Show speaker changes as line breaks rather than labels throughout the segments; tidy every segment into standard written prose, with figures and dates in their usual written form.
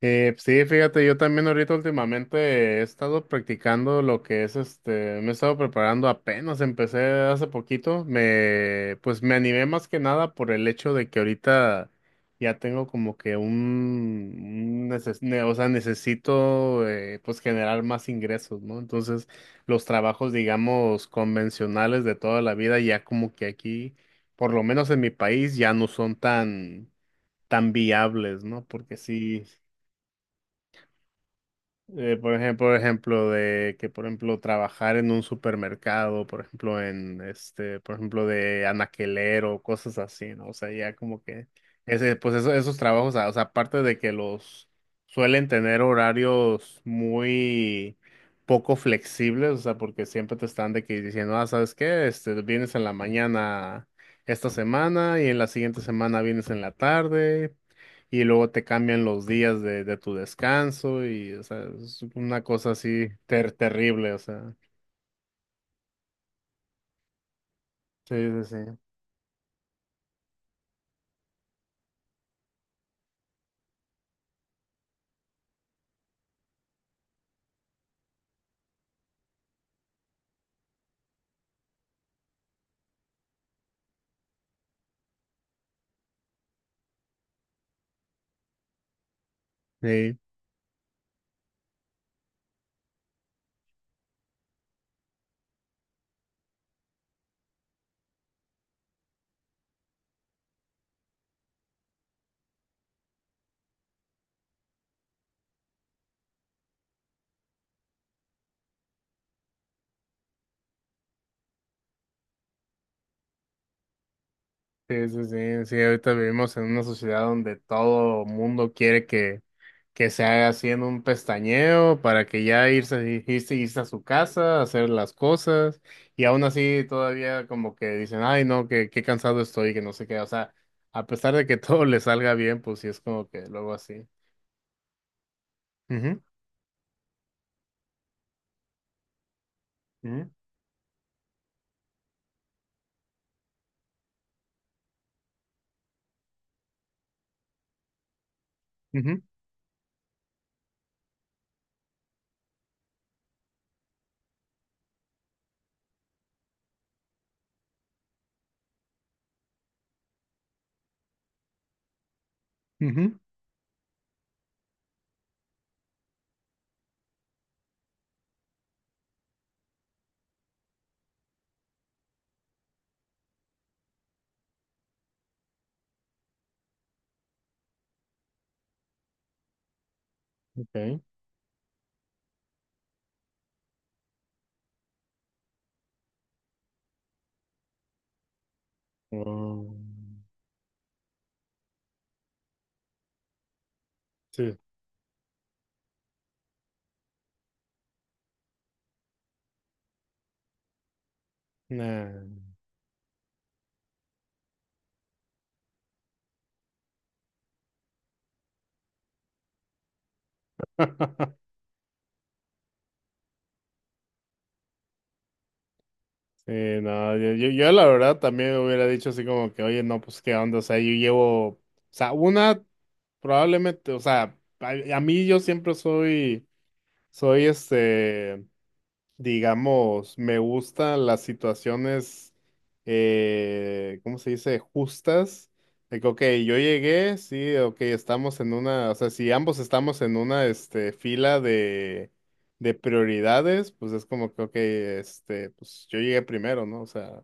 Sí, fíjate, yo también ahorita últimamente he estado practicando lo que es me he estado preparando apenas, empecé hace poquito, pues me animé más que nada por el hecho de que ahorita ya tengo como que un o sea, necesito pues generar más ingresos, ¿no? Entonces, los trabajos, digamos, convencionales de toda la vida ya como que aquí, por lo menos en mi país, ya no son tan viables, ¿no? Porque sí, por ejemplo, trabajar en un supermercado, por ejemplo, de anaquelero, cosas así, ¿no? O sea, ya como que esos trabajos, o sea, aparte de que los suelen tener horarios muy poco flexibles, o sea, porque siempre te están de que diciendo, ah, ¿sabes qué? Este, vienes en la mañana esta semana y en la siguiente semana vienes en la tarde y luego te cambian los días de tu descanso y, o sea, es una cosa así terrible, o sea, sí, sí, sí, sí, sí, sí, sí, sí, ahorita vivimos en una sociedad donde todo mundo quiere que se haga así en un pestañeo para que ya irse a su casa, hacer las cosas y aún así todavía como que dicen, ay, no, que qué cansado estoy, que no sé qué, o sea, a pesar de que todo le salga bien, pues sí es como que luego así. Ujú, ujú, ujú, ujú. Ok. Oh, sí. Nah. Sí, no, yo la verdad también hubiera dicho así como que, oye, no, pues qué onda, o sea, yo llevo, o sea, una probablemente, o sea, a mí yo siempre soy digamos, me gustan las situaciones, ¿cómo se dice? Justas. De que, ok, yo llegué, sí, ok, estamos en una, o sea, si ambos estamos en una, este, fila de prioridades, pues es como que, ok, este, pues yo llegué primero, ¿no? O sea,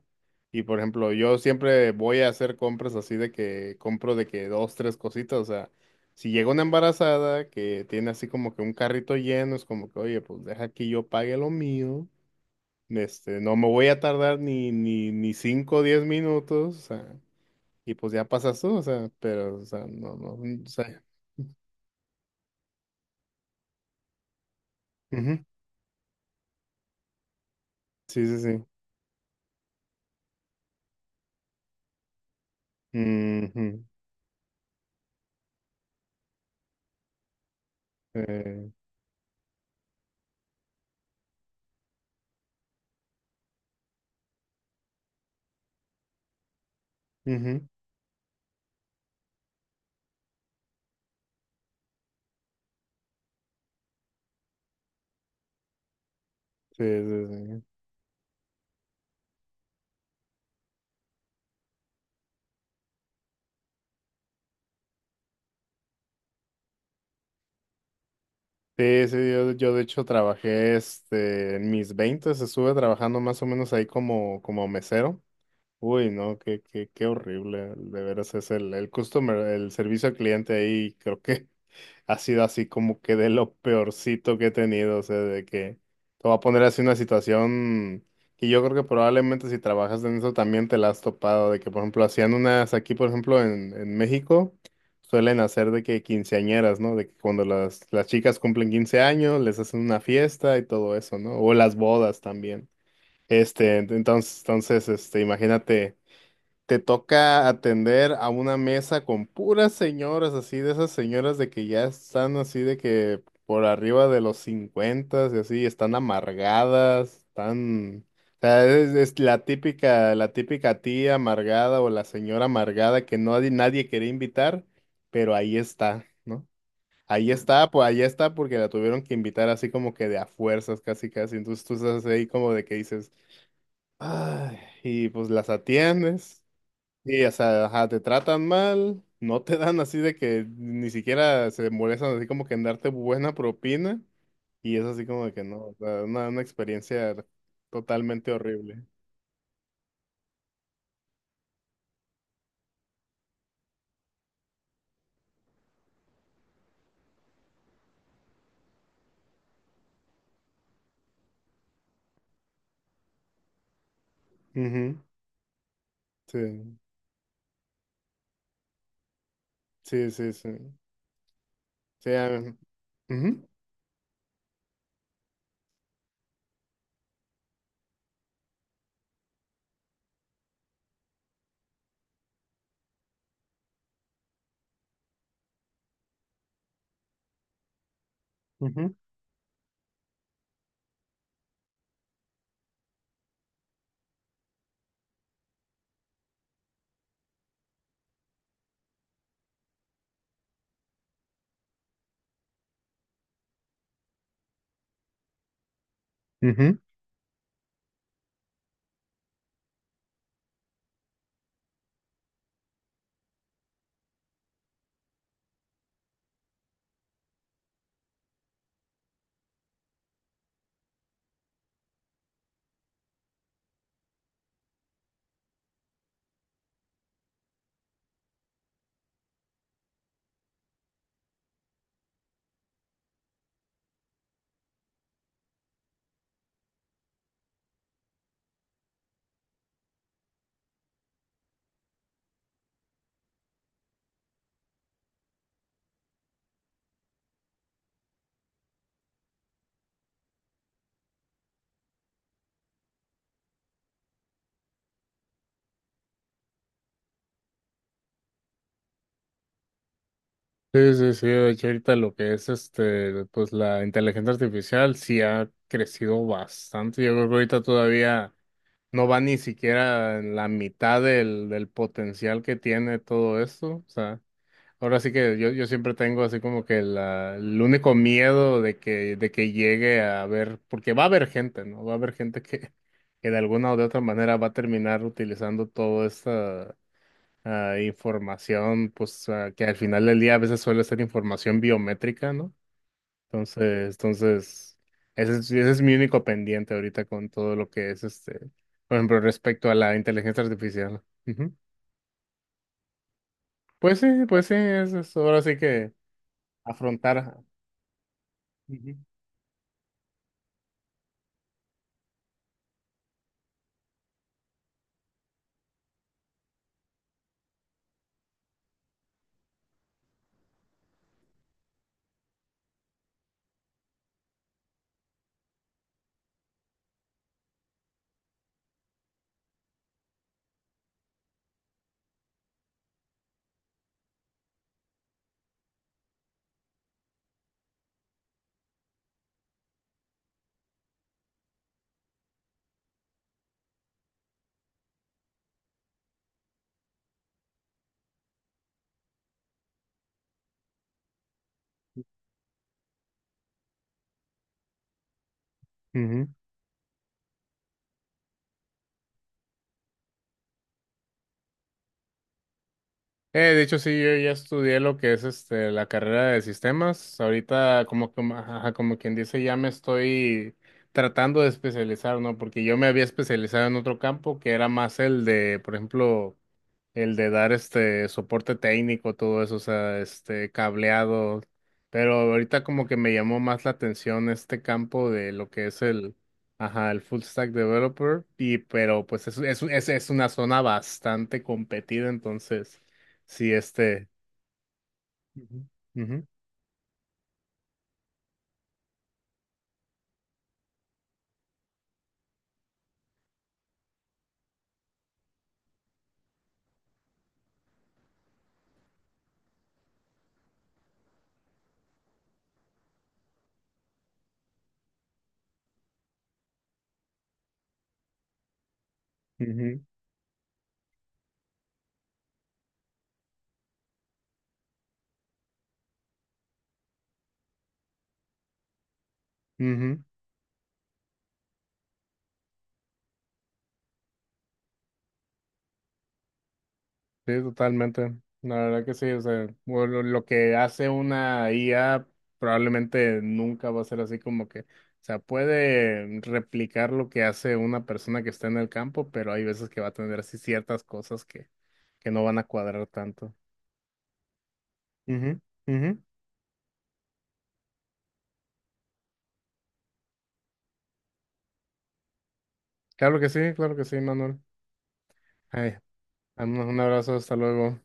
y por ejemplo, yo siempre voy a hacer compras así de que compro de que dos, tres cositas, o sea. Si llega una embarazada que tiene así como que un carrito lleno, es como que, oye, pues deja que yo pague lo mío. Este, no me voy a tardar ni cinco o diez minutos, o sea, y pues ya pasas tú, o sea, pero, o sea, no, no, mm, o sea, ujú, sí, sí, sí. Ujú, eh, ujú, sí, sí, sí. Sí, sí, yo de hecho trabajé, este, en mis 20, estuve trabajando más o menos ahí como mesero. Uy, no, qué horrible, de veras es el customer, el servicio al cliente ahí, creo que ha sido así como que de lo peorcito que he tenido, o sea, de que te va a poner así una situación que yo creo que probablemente si trabajas en eso también te la has topado, de que por ejemplo hacían unas aquí, por ejemplo, en México, suelen hacer de que quinceañeras, ¿no? De que cuando las chicas cumplen 15 años, les hacen una fiesta y todo eso, ¿no? O las bodas también. Este, imagínate te toca atender a una mesa con puras señoras, así de esas señoras de que ya están así de que por arriba de los 50 y así, están amargadas, están... O sea, es la típica tía amargada o la señora amargada que nadie, nadie quería invitar, pero ahí está, ¿no? Ahí está, pues ahí está porque la tuvieron que invitar así como que de a fuerzas, casi casi. Entonces tú estás ahí como de que dices, ay, y pues las atiendes. Sí, o sea, ajá, te tratan mal, no te dan así de que ni siquiera se molestan así como que en darte buena propina y es así como de que no, o sea, una experiencia totalmente horrible. Ujú, sí, sí, sí, sí. Sí, a mí, ujú, ujú, ujú. Sí, sí, sí, de hecho ahorita lo que es este, pues la inteligencia artificial sí ha crecido bastante. Yo creo que ahorita todavía no va ni siquiera en la mitad del potencial que tiene todo esto. O sea, ahora sí que yo siempre tengo así como que el único miedo de que llegue a haber, porque va a haber gente, ¿no? Va a haber gente que de alguna o de otra manera va a terminar utilizando toda esta información, pues ah, que al final del día a veces suele ser información biométrica, ¿no? Entonces, ese es mi único pendiente ahorita con todo lo que es este, por ejemplo, respecto a la inteligencia artificial. Ujú. Pues sí, eso es ahora sí que afrontar. Ujú. Ujú. De hecho, sí, yo ya estudié lo que es este, la carrera de sistemas. Ahorita, ajá, como quien dice, ya me estoy tratando de especializar, ¿no? Porque yo me había especializado en otro campo que era más el de, por ejemplo, el de dar este soporte técnico, todo eso, o sea, este cableado. Pero ahorita como que me llamó más la atención este campo de lo que es ajá, el full stack developer. Y pero pues es una zona bastante competida, entonces, sí, este. Ujú, ujú, ujú, ujú. Sí, totalmente. La verdad que sí, o sea, bueno, lo que hace una IA probablemente nunca va a ser así como que, o sea, puede replicar lo que hace una persona que está en el campo, pero hay veces que va a tener así ciertas cosas que no van a cuadrar tanto. Ujú, ujú. Claro que sí, Manuel. Ay, un abrazo, hasta luego.